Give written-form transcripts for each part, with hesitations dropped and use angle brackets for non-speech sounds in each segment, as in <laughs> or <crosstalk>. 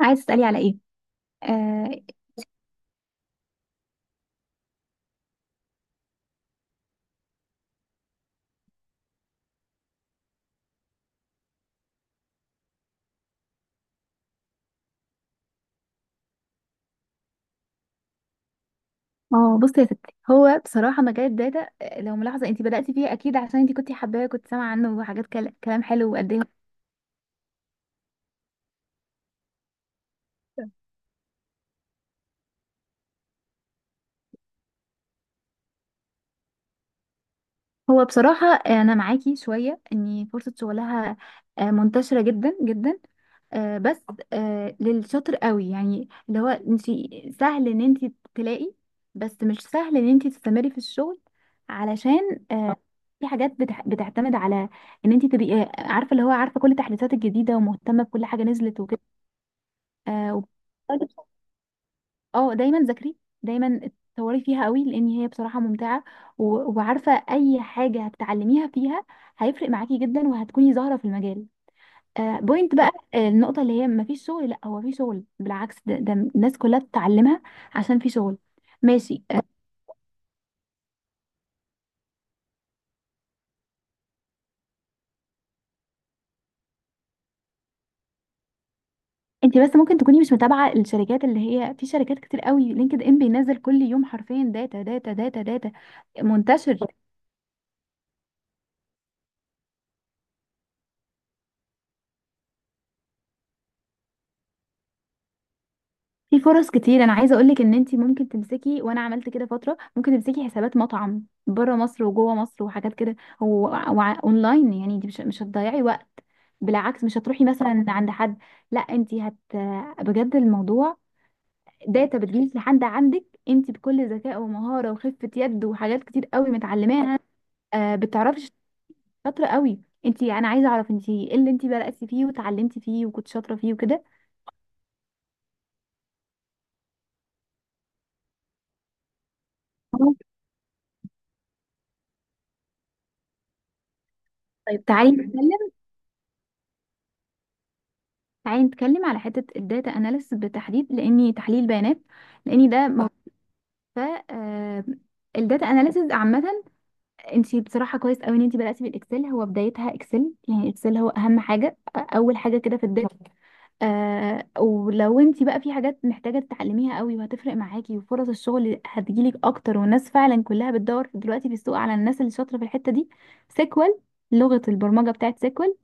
عايز تسألي على ايه؟ اه بصي يا ستي، هو بصراحة مجال الداتا، لو ملاحظة انت بدأتي فيه اكيد عشان انت كنتي حباه، كنت سامعة عنه وحاجات، كلام حلو. وقد ايه هو بصراحة أنا معاكي شوية، إن فرصة شغلها منتشرة جدا جدا، بس للشاطر قوي، يعني اللي هو انت سهل ان انت تلاقي، بس مش سهل ان انت تستمري في الشغل، علشان في حاجات بتعتمد على ان انت تبقي عارفة، اللي هو عارفة كل التحديثات الجديدة ومهتمة بكل حاجة نزلت وكده. اه، دايما ذاكري، دايما اتطوري فيها قوي، لان هي بصراحه ممتعه. وعارفه اي حاجه هتتعلميها فيها هيفرق معاكي جدا، وهتكوني ظاهره في المجال. بوينت بقى، النقطه اللي هي مفيش شغل، لا هو في شغل، بالعكس ده، ده الناس كلها بتتعلمها، عشان في شغل ماشي. انت بس ممكن تكوني مش متابعه الشركات، اللي هي في شركات كتير قوي، لينكد ان بينزل كل يوم حرفيا داتا داتا داتا داتا، منتشر. في فرص كتير، انا عايزه اقولك ان انتي ممكن تمسكي، وانا عملت كده فتره، ممكن تمسكي حسابات مطعم بره مصر وجوه مصر وحاجات كده و- اونلاين، يعني انتي مش هتضيعي وقت، بالعكس، مش هتروحي مثلا عند حد، لا انتي هت، بجد الموضوع داتا بتجيلك لحد عندك انتي، بكل ذكاء ومهاره وخفه يد وحاجات كتير قوي متعلماها. بتعرفي شاطره قوي. انتي، انا عايزه اعرف انتي ايه اللي انتي بداتي فيه وتعلمتي فيه وكنت شاطره فيه وكده؟ طيب تعالي نتكلم على حتة الداتا اناليسيس بالتحديد، لاني تحليل بيانات، لاني ده موضوع، ف آه، الداتا اناليسيس عامة، انت بصراحة كويس قوي ان انت بدأتي بالاكسل، هو بدايتها اكسل، يعني اكسل هو اهم حاجة، اول حاجة كده في الداتا. ولو انت بقى في حاجات محتاجة تتعلميها قوي وهتفرق معاكي وفرص الشغل هتجيلك اكتر، والناس فعلا كلها بتدور دلوقتي في السوق على الناس اللي شاطرة في الحتة دي، سيكوال، لغة البرمجة بتاعت سيكوال.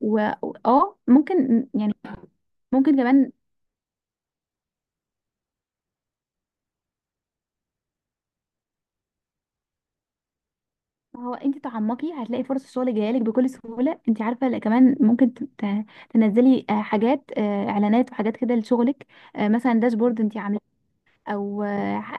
و اه ممكن يعني، ممكن كمان، ما هو انت تعمقي هتلاقي فرص الشغل جايه لك بكل سهوله، انت عارفه، لا كمان ممكن تنزلي حاجات، اعلانات وحاجات كده لشغلك، مثلا داشبورد انت، او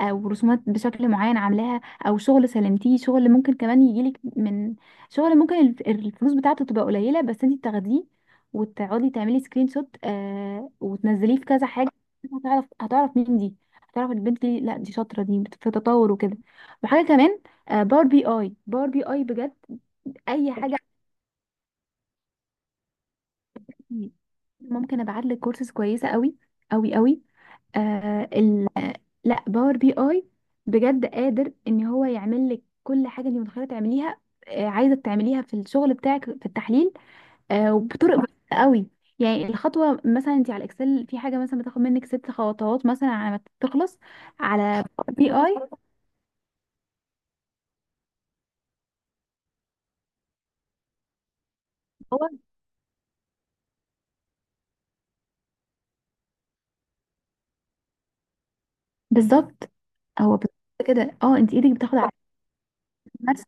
او رسومات بشكل معين عاملاها، او شغل سلمتيه. شغل ممكن كمان يجيلك من، شغل ممكن الفلوس بتاعته تبقى قليله بس انت تاخديه وتقعدي تعملي سكرين شوت وتنزليه في كذا حاجه، هتعرف مين دي، هتعرف البنت دي، لا دي شاطره، دي في تطور وكده. وحاجه كمان، باور بي اي، باور بي اي بجد اي حاجه، ممكن ابعت لك كورسز كويسه قوي، قوي قوي آه ال... لا باور بي اي بجد قادر ان هو يعمل لك كل حاجه انت متخيله تعمليها، عايزه تعمليها في الشغل بتاعك في التحليل، وبطرق بسيطه قوي. يعني الخطوه مثلا انت على الاكسل في حاجه مثلا بتاخد منك ست خطوات مثلا على ما تخلص، على بي اي هو بالظبط هو بالظبط كده، اه انت ايدك بتاخد على نفس،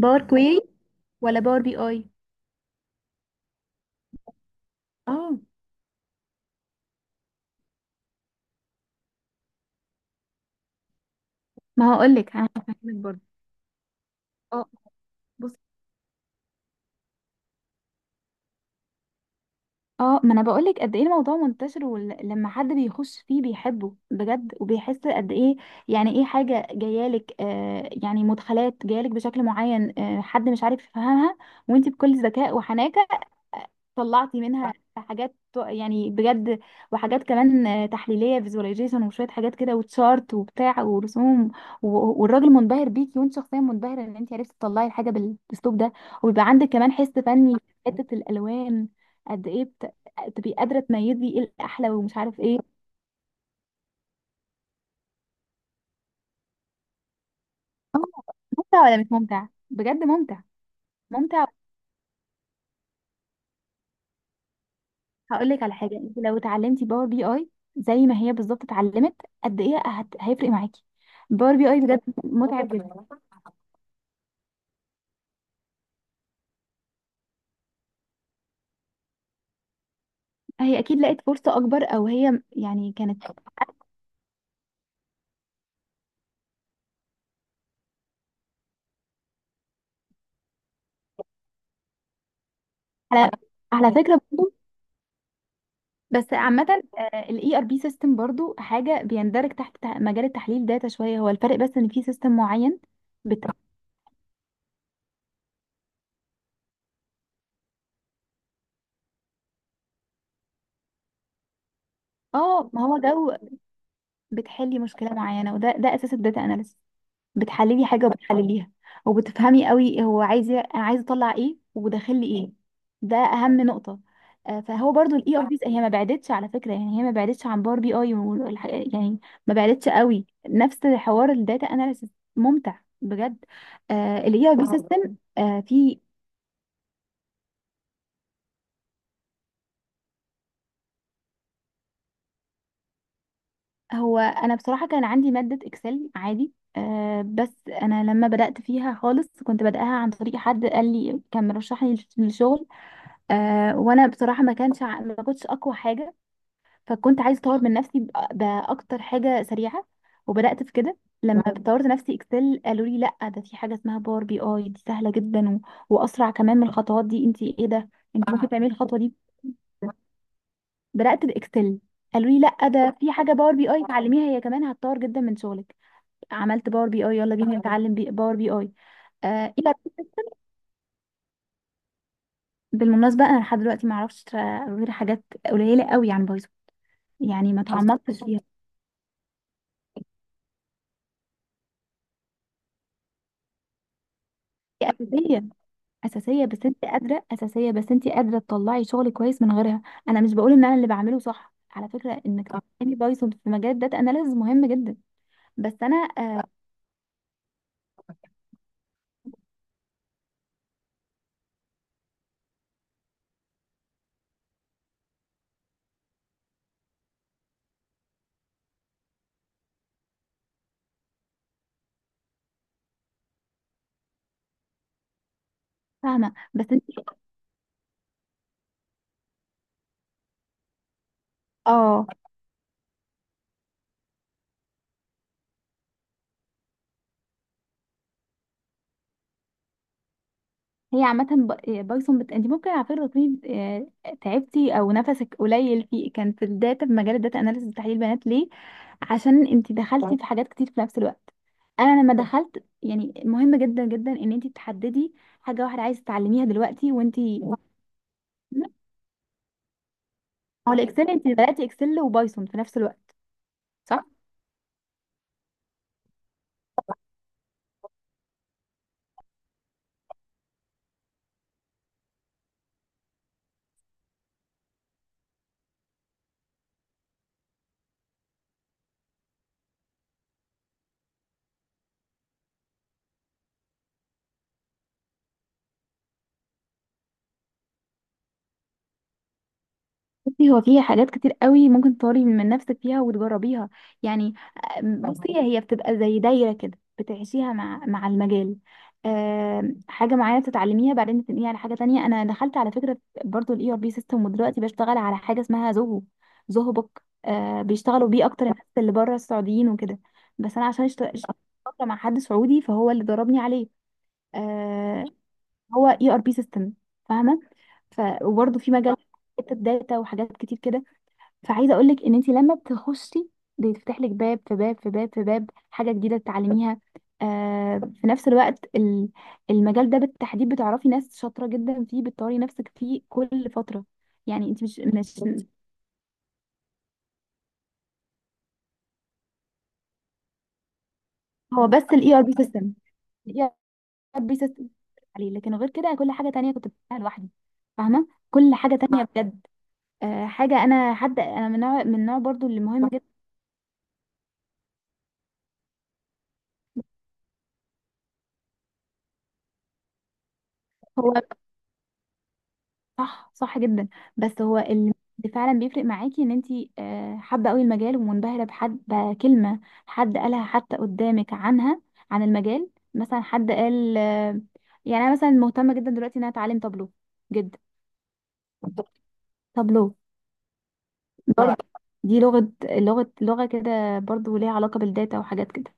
باور كويري ولا باور بي اي؟ اه، ما هقول لك، انا هفهمك برضه. اه اه، ما انا بقولك قد ايه الموضوع منتشر، ولما حد بيخش فيه بيحبه بجد، وبيحس قد ايه. يعني ايه حاجة جايالك، يعني مدخلات جايالك بشكل معين، حد مش عارف يفهمها، وانت بكل ذكاء وحنان طلعتي منها صح؟ يعني بجد، وحاجات كمان تحليليه، فيزواليزيشن وشويه حاجات كده، وتشارت وبتاع ورسوم، والراجل منبهر بيكي، وانت شخصيا منبهره ان انت عرفتي تطلعي الحاجه بالاسلوب ده، وبيبقى عندك كمان حس فني في حته الالوان. قد ايه بت... تبقي قادره تميزي ايه الاحلى، ومش عارف ايه. آه، ممتع ولا مش ممتع؟ بجد ممتع، ممتع. هقول لك على حاجه، انت لو اتعلمتي باور بي اي زي ما هي بالظبط اتعلمت، هيفرق معاكي باور بي اي بجد. <laughs> متعب جدا. هي اكيد لقت فرصه اكبر، او هي يعني كانت، على على فكره برضو، بس عامه الاي ار بي سيستم برضو حاجه بيندرج تحت مجال التحليل داتا، شويه هو الفرق، بس ان في سيستم معين بت... اه ما هو ده، بتحلي مشكله معينه، وده ده اساس الداتا اناليسيس، بتحللي حاجه وبتحلليها، وبتفهمي قوي هو عايز، انا عايز اطلع ايه وداخل لي ايه. ده اهم نقطه. فهو برضو الاي هي ما بعدتش على فكره، يعني هي ما بعدتش عن باور بي اي يعني، ما بعدتش قوي، نفس حوار الداتا اناليسيس، ممتع بجد، الاي اي بي سيستم. في هو انا بصراحه كان عندي ماده اكسل عادي، بس انا لما بدات فيها خالص كنت بدأها عن طريق حد قال لي، كان مرشحني للشغل. وانا بصراحه ما كانش ع- ما كنتش اقوى حاجه، فكنت عايزه اطور من نفسي باكتر حاجه سريعه، وبدات في كده. لما اه طورت نفسي اكسل، قالوا لي لا ده في حاجه اسمها باور بي اي، دي سهله جدا، واسرع كمان من الخطوات دي، انت ايه ده، انت ممكن تعملي الخطوه دي. بدات باكسل، قالوا لي لا ده في حاجه باور بي اي اتعلميها هي كمان هتطور جدا من شغلك. عملت باور بي اي، يلا بينا نتعلم باور بي اي. آه إلى- بالمناسبه انا لحد دلوقتي ما اعرفش غير حاجات قليله قوي عن بايثون، يعني ما تعمقتش. هي اساسيه، اساسيه بس انت قادره تطلعي شغل كويس من غيرها. انا مش بقول ان انا اللي بعمله صح على فكره، انك اه تتعلمي بايثون في مجال داتا اناليسز مهم جدا، بس انا فاهمه. بس انت اه هي عامه بايثون انت ممكن على فكره تكوني تعبتي او نفسك قليل في مجال الداتا اناليسز تحليل بيانات، ليه؟ عشان انت دخلتي في حاجات كتير في نفس الوقت. انا لما دخلت، يعني مهم جدا جدا ان انت تحددي حاجه واحده عايزه تتعلميها دلوقتي وانت، لا، هو الاكسل انت بدأتي اكسل وبايثون في نفس الوقت، صح. بصي هو فيها حاجات كتير قوي ممكن تطوري من نفسك فيها وتجربيها، يعني. بصي هي بتبقى زي دايرة كده، بتعيشيها مع المجال، حاجة معينة بتتعلميها بعدين بتنقليها على حاجة تانية. أنا دخلت على فكرة برضو ال ERP سيستم، ودلوقتي بشتغل على حاجة اسمها زوهو، زوهو بوك، بيشتغلوا بيه أكتر الناس اللي بره السعوديين وكده، بس أنا عشان اشتغلت فترة مع حد سعودي فهو اللي دربني عليه. آه، هو اي ار بي سيستم، فاهمه. ف وبرضه في مجال حته داتا وحاجات كتير كده. فعايزه اقول لك ان انت لما بتخشي بيتفتح لك باب في باب في باب في باب، حاجه جديده تتعلميها، في نفس الوقت المجال ده بالتحديد بتعرفي ناس شاطره جدا فيه، بتطوري نفسك فيه كل فتره، يعني انت مش هو بس الاي ار بي سيستم، الاي ار بي سيستم عليه، لكن غير كده كل حاجه تانية كنت بتعملها لوحدي، فاهمه، كل حاجه تانية بجد. حاجة، أنا من نوع، من النوع برضو اللي مهم جدا. هو صح، صح جدا، بس هو اللي فعلا بيفرق معاكي إن أنتي حابة أوي المجال، ومنبهرة بحد بكلمة حد قالها حتى قدامك عنها، عن المجال. مثلا حد قال يعني أنا مثلا مهتمة جدا دلوقتي إن أنا أتعلم طابلو، جدا. طابلو برضو، دي لغة لغة كده برضو ليها علاقة بالداتا وحاجات كده.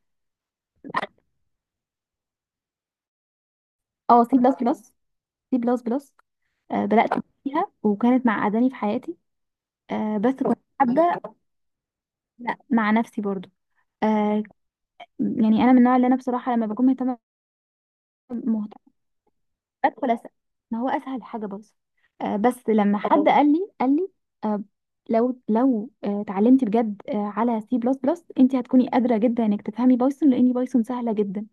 اه، سي بلس بلس، سي بلس بلس، بدأت فيها وكانت معقداني في حياتي، بس كنت حابة. لا مع نفسي برضو. آه يعني أنا من النوع اللي أنا بصراحة لما بكون مهتمة بدخل أسأل، ما هو أسهل حاجة. بس بس لما حد قال لي آه لو اتعلمتي بجد على سي بلس بلس، أنت هتكوني قادرة جدا إنك تفهمي بايثون، لأن بايثون سهلة جدا.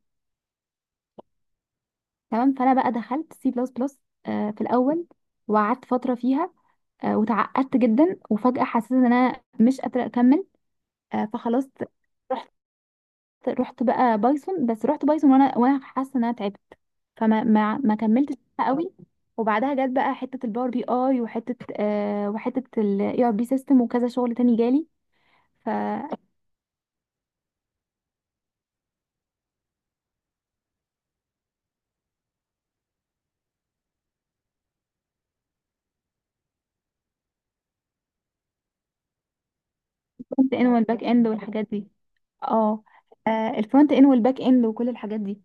تمام، فأنا بقى دخلت سي بلس بلس في الأول، وقعدت فترة فيها وتعقدت جدا، وفجأة حسيت إن أنا مش قادرة أكمل. فخلاص رحت بقى بايثون، بس رحت بايثون وانا حاسه ان انا تعبت، فما ما, ما كملتش بقى قوي. وبعدها جت بقى حته الباور بي اي، وحته وحته الاي ار بي سيستم، وكذا شغل تاني جالي، فالفرونت اند والباك اند والحاجات دي. اه الفرونت اند والباك اند وكل الحاجات دي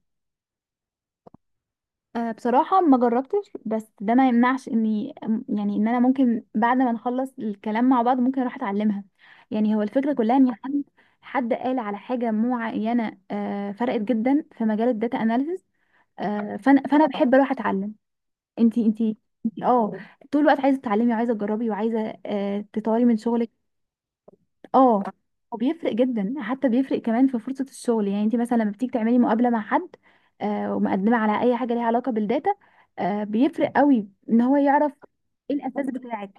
أه بصراحة ما جربتش، بس ده ما يمنعش اني، يعني ان انا ممكن بعد ما نخلص الكلام مع بعض ممكن اروح اتعلمها. يعني هو الفكرة كلها ان حد قال على حاجة معينة أه فرقت جدا في مجال الداتا اناليسز، أه فانا بحب اروح اتعلم. انتي انتي انتي طول الوقت عايزة تتعلمي، وعايزة تجربي، وعايزة أه تطوري من شغلك. اه، وبيفرق جدا، حتى بيفرق كمان في فرصة الشغل. يعني انت مثلا لما بتيجي تعملي مقابلة مع حد، ومقدمة على اي حاجة ليها علاقة بالداتا، بيفرق قوي ان هو يعرف ايه الاساس بتاعك.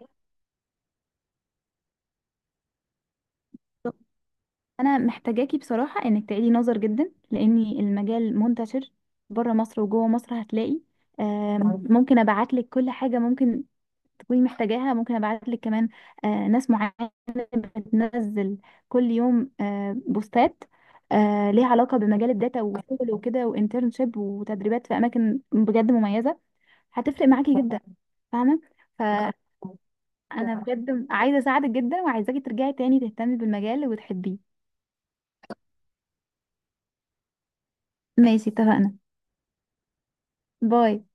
انا محتاجاكي بصراحة انك تعيدي نظر جدا، لان المجال منتشر بره مصر وجوه مصر، هتلاقي آه، ممكن ابعت لك كل حاجة ممكن تكوني محتاجاها، ممكن ابعت لك كمان ناس معينه بتنزل كل يوم بوستات ليها علاقه بمجال الداتا، وشغل وكده وانترنشيب وتدريبات في اماكن بجد مميزه، هتفرق معاكي جدا، فاهمه. فانا بجد عايزه اساعدك جدا، وعايزاكي ترجعي تاني تهتمي بالمجال وتحبيه. ماشي، اتفقنا. باي.